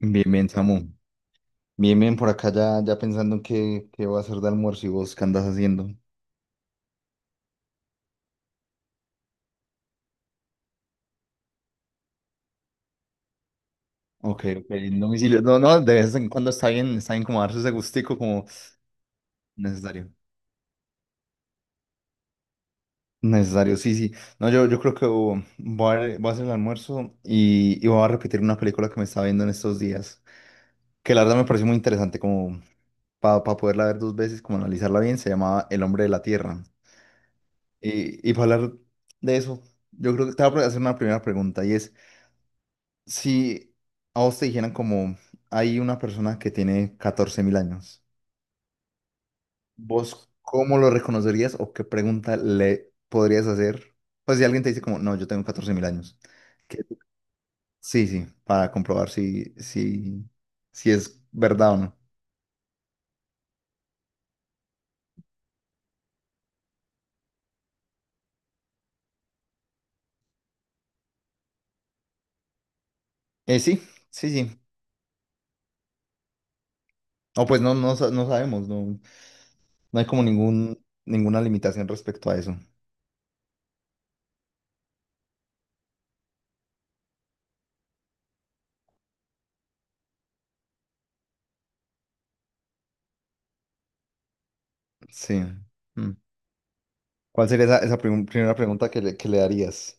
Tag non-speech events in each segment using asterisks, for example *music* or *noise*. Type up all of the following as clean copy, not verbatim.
Bien, bien, Samu. Bien, bien, por acá ya pensando en qué voy a hacer de almuerzo y vos qué andas haciendo. Ok, ok, no, domicilio. No, no, de vez en cuando está bien como darse ese gustico como necesario. Necesario, sí, sí. No, yo creo que oh, voy a hacer el almuerzo y voy a repetir una película que me estaba viendo en estos días, que la verdad me pareció muy interesante como para poderla ver dos veces, como analizarla bien, se llamaba El hombre de la tierra. Y para hablar de eso, yo creo que te voy a hacer una primera pregunta y es... Si a vos te dijeran como hay una persona que tiene 14.000 años, ¿vos cómo lo reconocerías o qué pregunta le podrías hacer? Pues si alguien te dice como, no, yo tengo 14.000 años. ¿qué- Sí, sí, para comprobar si es verdad o no. Sí, sí, sí. O pues no, no, no sabemos, no, no hay como ninguna limitación respecto a eso. Sí. Mm. ¿Cuál sería esa primera pregunta que le darías?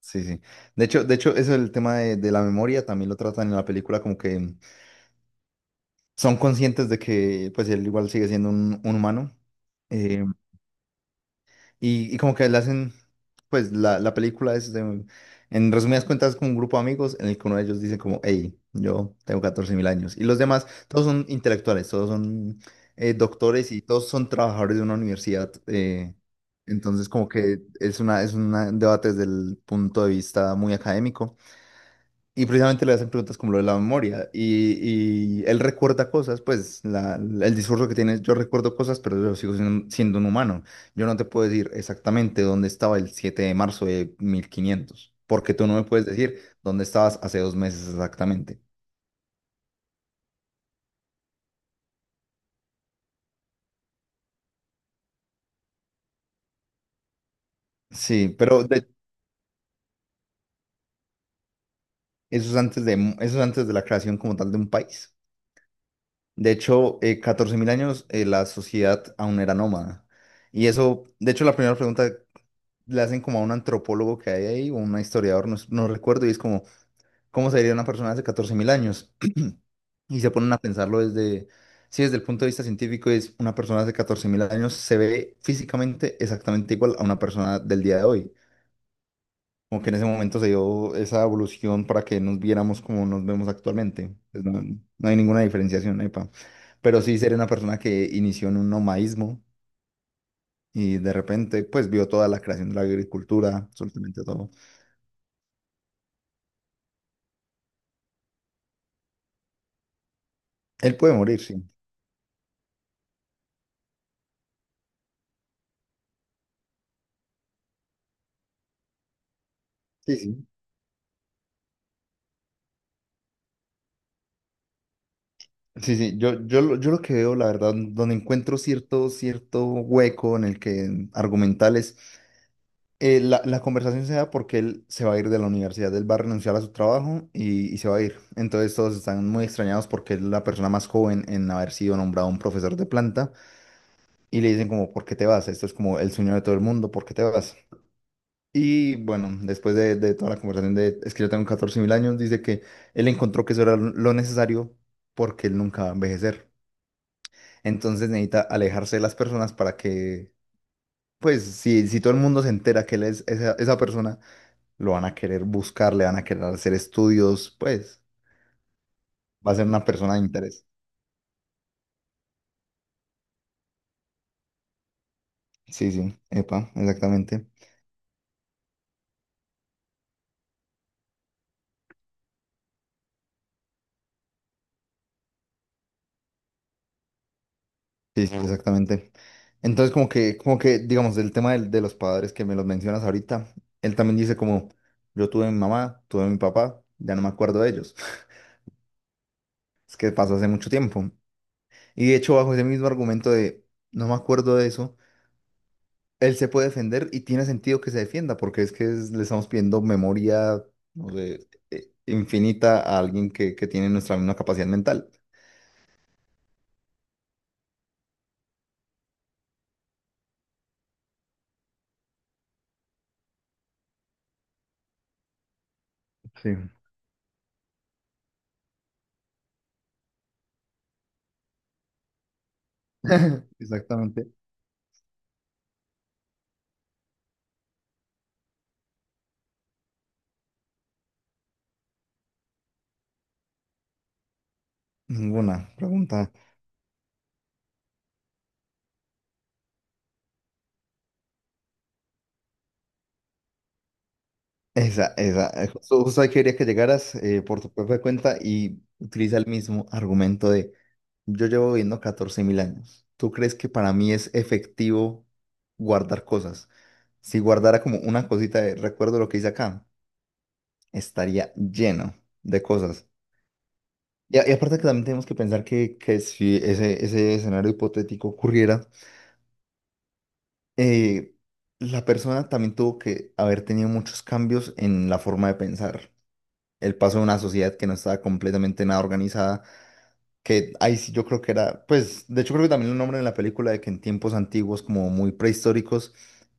Sí, sí. De hecho, eso es el tema de la memoria, también lo tratan en la película, como que son conscientes de que pues él igual sigue siendo un humano, eh, y como que le hacen, pues la película es, en resumidas cuentas, con un grupo de amigos en el que uno de ellos dice como, hey, yo tengo 14 mil años, y los demás, todos son intelectuales, todos son doctores y todos son trabajadores de una universidad. Entonces como que es una, un debate desde el punto de vista muy académico. Y precisamente le hacen preguntas como lo de la memoria. Y él recuerda cosas, pues el discurso que tiene, yo recuerdo cosas, pero yo sigo siendo un humano. Yo no te puedo decir exactamente dónde estaba el 7 de marzo de 1500, porque tú no me puedes decir dónde estabas hace 2 meses exactamente. Sí, pero eso es antes de, la creación como tal de un país. De hecho, 14.000 años, la sociedad aún era nómada. Y eso, de hecho, la primera pregunta le hacen como a un antropólogo que hay ahí, o un historiador, no, no recuerdo, y es como, ¿cómo sería una persona hace 14.000 años? *clears throat* Y se ponen a pensarlo desde, sí, desde el punto de vista científico, es una persona hace 14.000 años se ve físicamente exactamente igual a una persona del día de hoy. Como que en ese momento se dio esa evolución para que nos viéramos como nos vemos actualmente. Pues no, no hay ninguna diferenciación, epa. Pero sí ser una persona que inició en un nomadismo y de repente pues vio toda la creación de la agricultura, absolutamente todo. Él puede morir, sí. Sí, sí. Sí, sí. Yo lo que veo, la verdad, donde encuentro cierto hueco en el que argumentales, la conversación se da porque él se va a ir de la universidad, él va a renunciar a su trabajo, y se va a ir. Entonces todos están muy extrañados porque es la persona más joven en haber sido nombrado un profesor de planta, y le dicen como, ¿por qué te vas? Esto es como el sueño de todo el mundo, ¿por qué te vas? Y bueno, después de toda la conversación de es que yo tengo 14 mil años, dice que él encontró que eso era lo necesario, porque él nunca va a envejecer. Entonces necesita alejarse de las personas para que, pues, si todo el mundo se entera que él es esa persona, lo van a querer buscar, le van a querer hacer estudios, pues, va a ser una persona de interés. Sí, sí, epa, exactamente. Sí, sí, exactamente. Entonces, como que, digamos, del tema de los padres que me los mencionas ahorita, él también dice como, yo tuve mi mamá, tuve mi papá, ya no me acuerdo de ellos. *laughs* Es que pasó hace mucho tiempo. Y de hecho, bajo ese mismo argumento de, no me acuerdo de eso, él se puede defender y tiene sentido que se defienda, porque es que le estamos pidiendo memoria, no sé, infinita a alguien que tiene nuestra misma capacidad mental. Sí. *laughs* Exactamente. Ninguna pregunta. Esa. Justo ahí quería que llegaras, por tu propia cuenta, y utiliza el mismo argumento de yo llevo viviendo 14.000 años. ¿Tú crees que para mí es efectivo guardar cosas? Si guardara como una cosita de recuerdo lo que hice acá, estaría lleno de cosas. Y aparte, que también tenemos que pensar que si ese escenario hipotético ocurriera, eh, la persona también tuvo que haber tenido muchos cambios en la forma de pensar. El paso de una sociedad que no estaba completamente nada organizada, que ahí sí yo creo que era, pues, de hecho creo que también lo nombran en la película, de que en tiempos antiguos, como muy prehistóricos,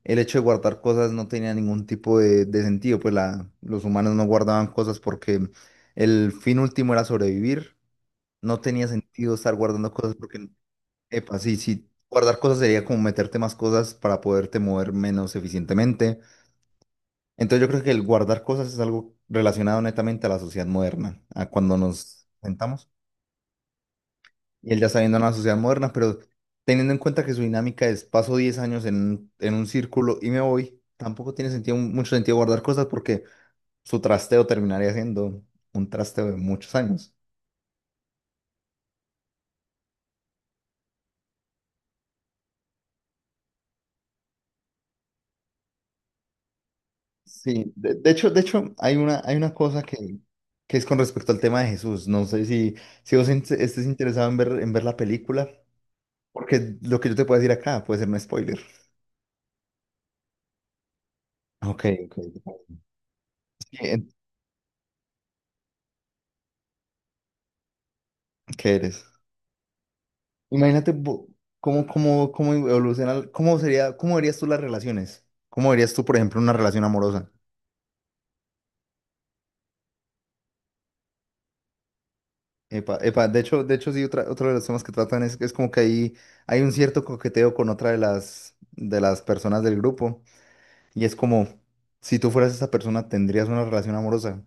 el hecho de guardar cosas no tenía ningún tipo de sentido, pues los humanos no guardaban cosas porque el fin último era sobrevivir, no tenía sentido estar guardando cosas porque, epa, sí, sí, guardar cosas sería como meterte más cosas para poderte mover menos eficientemente. Entonces yo creo que el guardar cosas es algo relacionado netamente a la sociedad moderna, a cuando nos sentamos. Y él ya está viendo a la sociedad moderna, pero teniendo en cuenta que su dinámica es paso 10 años en un círculo y me voy, tampoco tiene sentido, mucho sentido guardar cosas, porque su trasteo terminaría siendo un trasteo de muchos años. Sí, de hecho, de hecho hay una cosa que es con respecto al tema de Jesús. No sé si vos estés interesado en ver, la película, porque lo que yo te puedo decir acá puede ser un spoiler. Ok, ok. ¿Qué, qué eres? Imagínate cómo evoluciona, cómo sería, cómo verías tú las relaciones. ¿Cómo verías tú, por ejemplo, una relación amorosa? Epa, epa, de hecho, sí, otro de los temas que tratan es como que hay un cierto coqueteo con otra de de las personas del grupo. Y es como, si tú fueras esa persona, ¿tendrías una relación amorosa?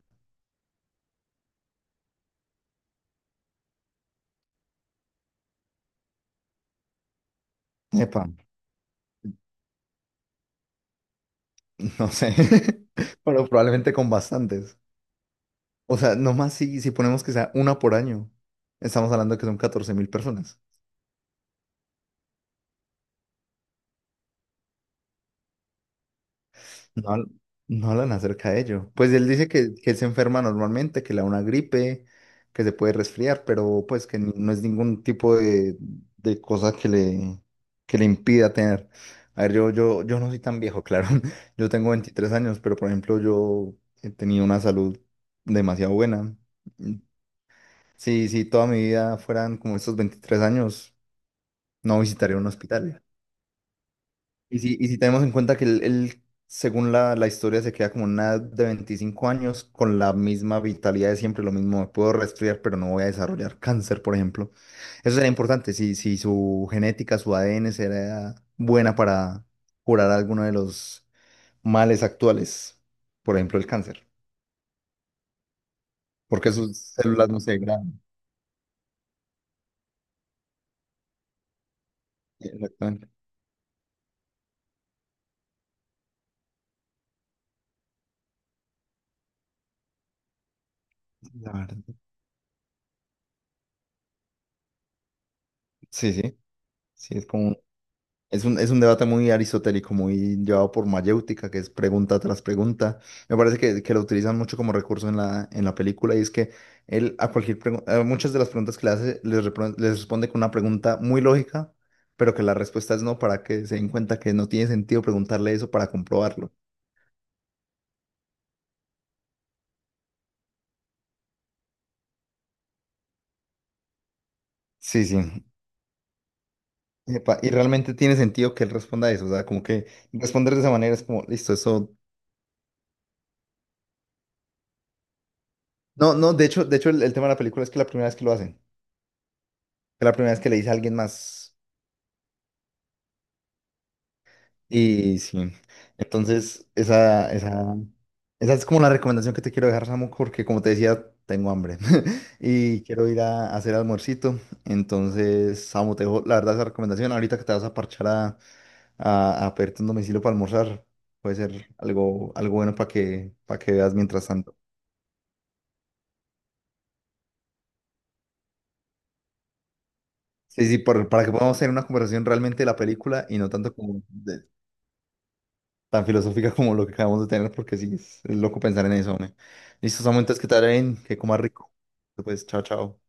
Epa, no sé. *laughs* Pero probablemente con bastantes. O sea, nomás si ponemos que sea una por año, estamos hablando que son 14.000 personas. No, no hablan acerca de ello. Pues él dice que él se enferma normalmente, que le da una gripe, que se puede resfriar, pero pues que no es ningún tipo de cosa que le impida tener. A ver, yo no soy tan viejo, claro. *laughs* Yo tengo 23 años, pero por ejemplo yo he tenido una salud demasiado buena. Mm, sí sí toda mi vida fueran como estos 23 años, no visitaría un hospital. Y si tenemos en cuenta que él, según la historia, se queda como en una edad de 25 años con la misma vitalidad de siempre, lo mismo, me puedo resfriar, pero no voy a desarrollar *laughs* cáncer, por ejemplo. Eso era importante, si su genética, su ADN era buena para curar alguno de los males actuales, por ejemplo, el cáncer, porque sus células no se degradan. Exactamente. La verdad. Sí, sí, sí, es como. Es un debate muy aristotélico, muy llevado por mayéutica, que es pregunta tras pregunta. Me parece que lo utilizan mucho como recurso en la película, y es que él a cualquier pregunta, muchas de las preguntas que le hace, les responde con una pregunta muy lógica, pero que la respuesta es no, para que se den cuenta que no tiene sentido preguntarle eso para comprobarlo. Sí, sí. Epa, y realmente tiene sentido que él responda eso, o sea, como que responder de esa manera es como, listo, eso... No, no, de hecho el tema de la película es que la primera vez que lo hacen, es la primera vez que le dice a alguien más. Y sí, entonces esa es como la recomendación que te quiero dejar, Samu, porque como te decía, tengo hambre *laughs* y quiero ir a hacer almuercito. Entonces, Samu, te dejo la verdad esa recomendación. Ahorita que te vas a parchar a, pedirte un domicilio para almorzar, puede ser algo, algo bueno para que veas mientras tanto. Sí, sí, para que podamos tener una conversación realmente de la película y no tanto como tan filosófica *laughs* como lo que acabamos de tener, porque sí, es loco pensar en eso, hombre. Listo, Samu, entonces que te vaya bien, que comas rico. Pues, chao, chao.